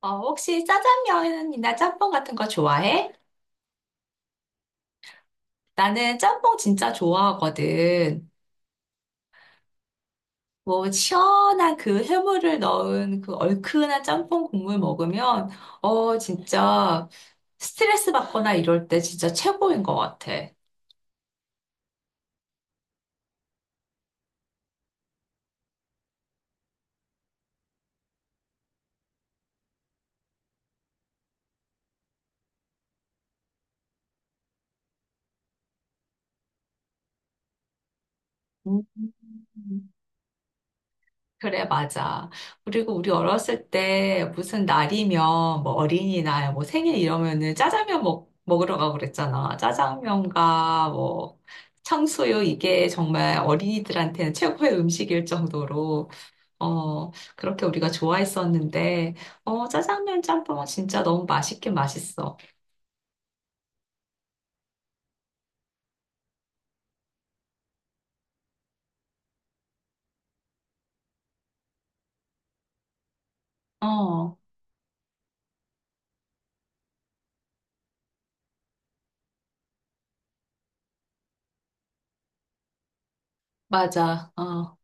혹시 짜장면이나 짬뽕 같은 거 좋아해? 나는 짬뽕 진짜 좋아하거든. 뭐, 시원한 그 해물을 넣은 그 얼큰한 짬뽕 국물 먹으면, 진짜 스트레스 받거나 이럴 때 진짜 최고인 것 같아. 음. 그래, 맞아. 그리고 우리 어렸을 때 무슨 날이면 뭐 어린이날, 뭐 생일 이러면은 짜장면 먹으러 가고 그랬잖아. 짜장면과 뭐 탕수육 이게 정말 어린이들한테는 최고의 음식일 정도로, 어, 그렇게 우리가 좋아했었는데, 짜장면 짬뽕은 진짜 너무 맛있긴 맛있어. 어, 맞아. 어.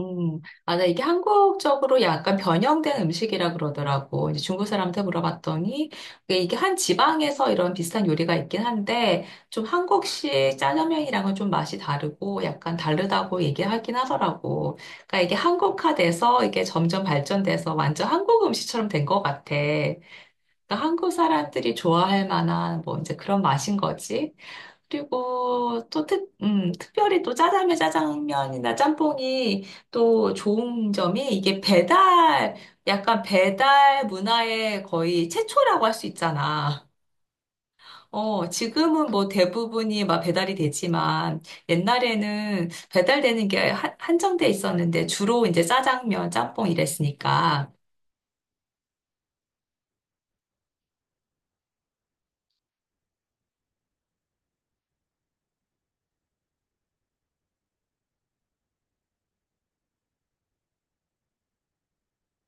아, 나 이게 한국적으로 약간 변형된 음식이라 그러더라고. 이제 중국 사람한테 물어봤더니 이게 한 지방에서 이런 비슷한 요리가 있긴 한데 좀 한국식 짜장면이랑은 좀 맛이 다르고 약간 다르다고 얘기하긴 하더라고. 그러니까 이게 한국화돼서 이게 점점 발전돼서 완전 한국 음식처럼 된 것 같아. 그러니까 한국 사람들이 좋아할 만한 뭐 이제 그런 맛인 거지. 그리고 또 특별히 또 짜장면이나 짬뽕이 또 좋은 점이 이게 약간 배달 문화의 거의 최초라고 할 수 있잖아. 지금은 뭐 대부분이 막 배달이 되지만 옛날에는 배달되는 게 한정돼 있었는데 주로 이제 짜장면, 짬뽕 이랬으니까.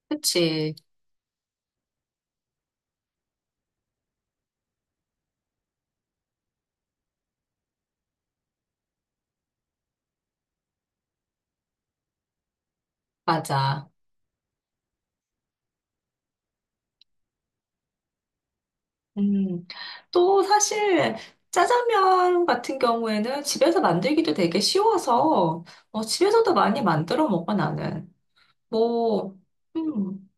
그치, 맞아. 음, 또 사실 짜장면 같은 경우에는 집에서 만들기도 되게 쉬워서 집에서도 많이 만들어 먹어 나는. 뭐, 음,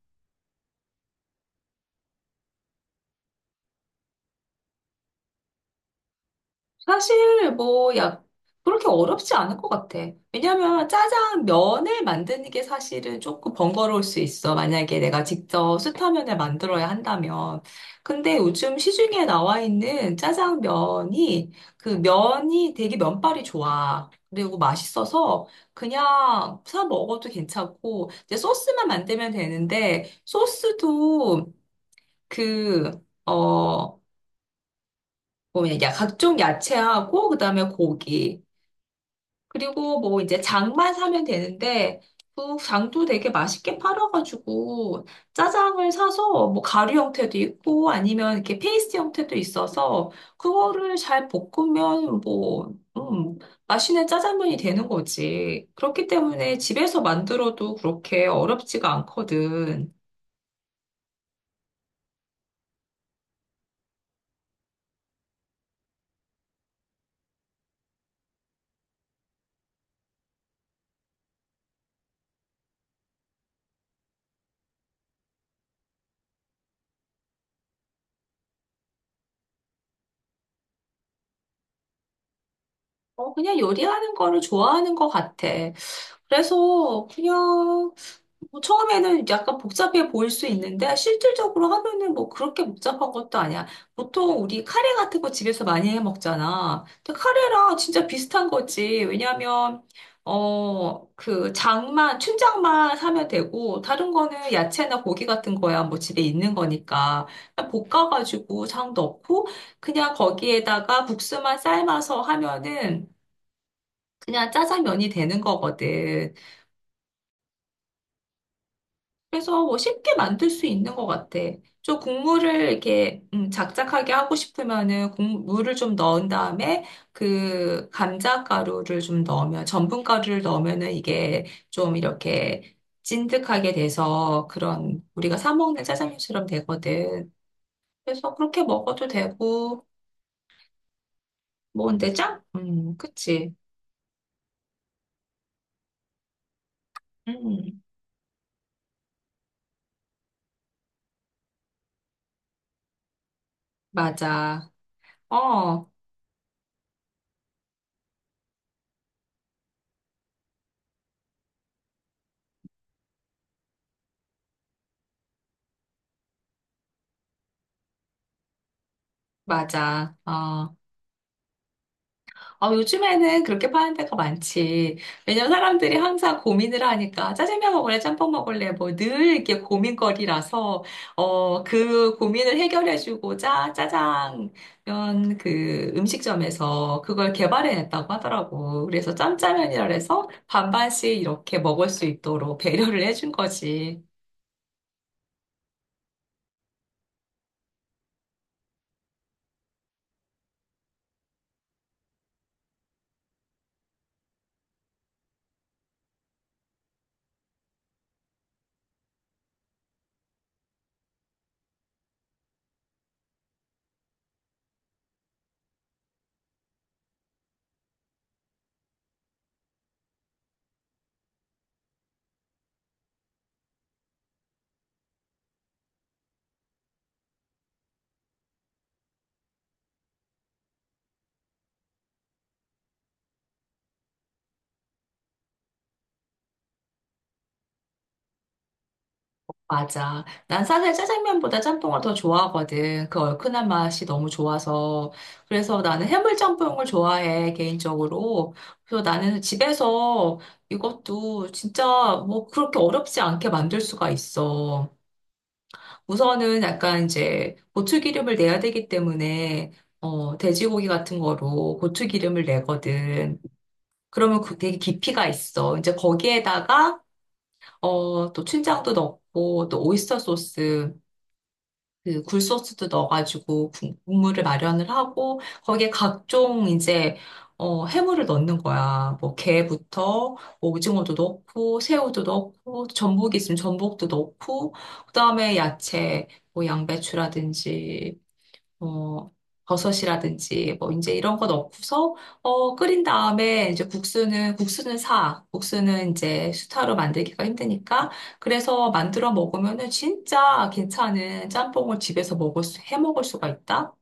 사실 뭐 약 그렇게 어렵지 않을 것 같아. 왜냐면 짜장 면을 만드는 게 사실은 조금 번거로울 수 있어. 만약에 내가 직접 수타면을 만들어야 한다면. 근데 요즘 시중에 나와 있는 짜장면이 그 면이 되게 면발이 좋아. 그리고 맛있어서 그냥 사 먹어도 괜찮고 이제 소스만 만들면 되는데 소스도 그 어 각종 야채하고 그다음에 고기 그리고 뭐 이제 장만 사면 되는데 그 장도 되게 맛있게 팔아가지고 짜장을 사서 뭐 가루 형태도 있고 아니면 이렇게 페이스트 형태도 있어서 그거를 잘 볶으면 뭐 음, 맛있는 짜장면이 되는 거지. 그렇기 때문에 집에서 만들어도 그렇게 어렵지가 않거든. 어, 그냥 요리하는 거를 좋아하는 것 같아. 그래서 그냥 뭐 처음에는 약간 복잡해 보일 수 있는데 실질적으로 하면은 뭐 그렇게 복잡한 것도 아니야. 보통 우리 카레 같은 거 집에서 많이 해 먹잖아. 근데 카레랑 진짜 비슷한 거지. 왜냐면 그 장만 춘장만 사면 되고 다른 거는 야채나 고기 같은 거야. 뭐 집에 있는 거니까. 그냥 볶아가지고 장 넣고 그냥 거기에다가 국수만 삶아서 하면은 그냥 짜장면이 되는 거거든. 그래서 뭐 쉽게 만들 수 있는 것 같아. 좀 국물을 이렇게 작작하게 하고 싶으면은 국물을 좀 넣은 다음에 그 감자 가루를 좀 넣으면 전분 가루를 넣으면은 이게 좀 이렇게 찐득하게 돼서 그런 우리가 사 먹는 짜장면처럼 되거든. 그래서 그렇게 먹어도 되고 뭐 근데 짱? 그치. 음, 맞아. 어, 맞아. 어. 아, 요즘에는 그렇게 파는 데가 많지. 왜냐면 사람들이 항상 고민을 하니까 짜장면 먹을래, 짬뽕 먹을래, 뭐 늘 이렇게 고민거리라서, 그 고민을 해결해주고자 짜장면 그 음식점에서 그걸 개발해냈다고 하더라고. 그래서 짬짜면이라 해서 반반씩 이렇게 먹을 수 있도록 배려를 해준 거지. 맞아. 난 사실 짜장면보다 짬뽕을 더 좋아하거든. 그 얼큰한 맛이 너무 좋아서. 그래서 나는 해물짬뽕을 좋아해, 개인적으로. 그래서 나는 집에서 이것도 진짜 뭐 그렇게 어렵지 않게 만들 수가 있어. 우선은 약간 이제 고추기름을 내야 되기 때문에 돼지고기 같은 거로 고추기름을 내거든. 그러면 그 되게 깊이가 있어. 이제 거기에다가 또 춘장도 넣고 또 오이스터 소스 그 굴소스도 넣어가지고 국물을 마련을 하고 거기에 각종 이제 해물을 넣는 거야. 뭐 게부터 뭐 오징어도 넣고 새우도 넣고 전복이 있으면 전복도 넣고 그다음에 야채 뭐 양배추라든지 어, 버섯이라든지 뭐 이제 이런 거 넣고서 끓인 다음에 이제 국수는 사. 국수는 이제 수타로 만들기가 힘드니까 그래서 만들어 먹으면은 진짜 괜찮은 짬뽕을 집에서 해 먹을 수가 있다.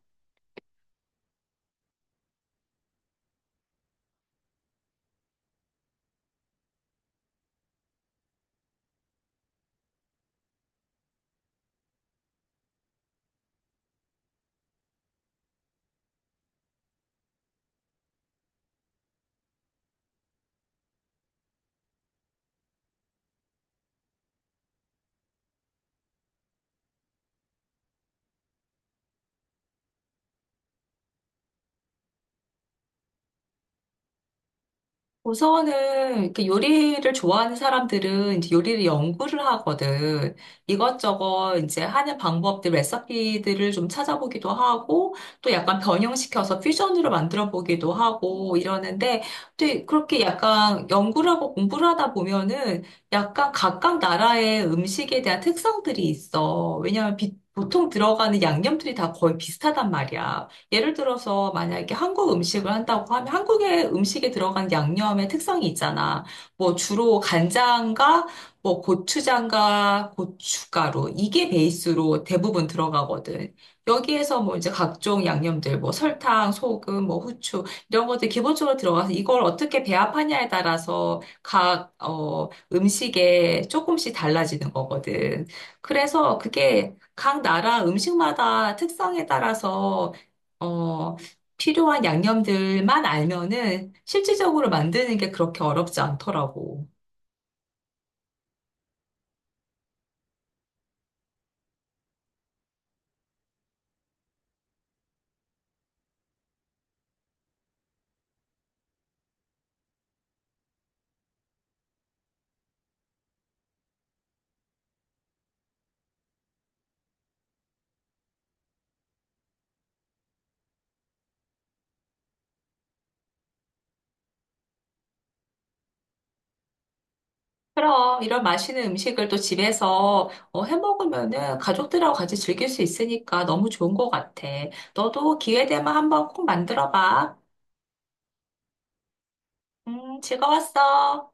우선은 이렇게 요리를 좋아하는 사람들은 이제 요리를 연구를 하거든. 이것저것 이제 하는 방법들, 레시피들을 좀 찾아보기도 하고 또 약간 변형시켜서 퓨전으로 만들어 보기도 하고 이러는데 또 그렇게 약간 연구를 하고 공부를 하다 보면은 약간 각각 나라의 음식에 대한 특성들이 있어. 왜냐하면 보통 들어가는 양념들이 다 거의 비슷하단 말이야. 예를 들어서 만약에 한국 음식을 한다고 하면 한국의 음식에 들어간 양념의 특성이 있잖아. 뭐 주로 간장과 뭐 고추장과 고춧가루 이게 베이스로 대부분 들어가거든. 여기에서 뭐 이제 각종 양념들 뭐 설탕, 소금, 뭐 후추 이런 것들 기본적으로 들어가서 이걸 어떻게 배합하냐에 따라서 각 음식에 조금씩 달라지는 거거든. 그래서 그게 각 나라 음식마다 특성에 따라서 어, 필요한 양념들만 알면은 실질적으로 만드는 게 그렇게 어렵지 않더라고. 그럼 이런 맛있는 음식을 또 집에서 해 먹으면은 가족들하고 같이 즐길 수 있으니까 너무 좋은 것 같아. 너도 기회 되면 한번 꼭 만들어 봐. 즐거웠어.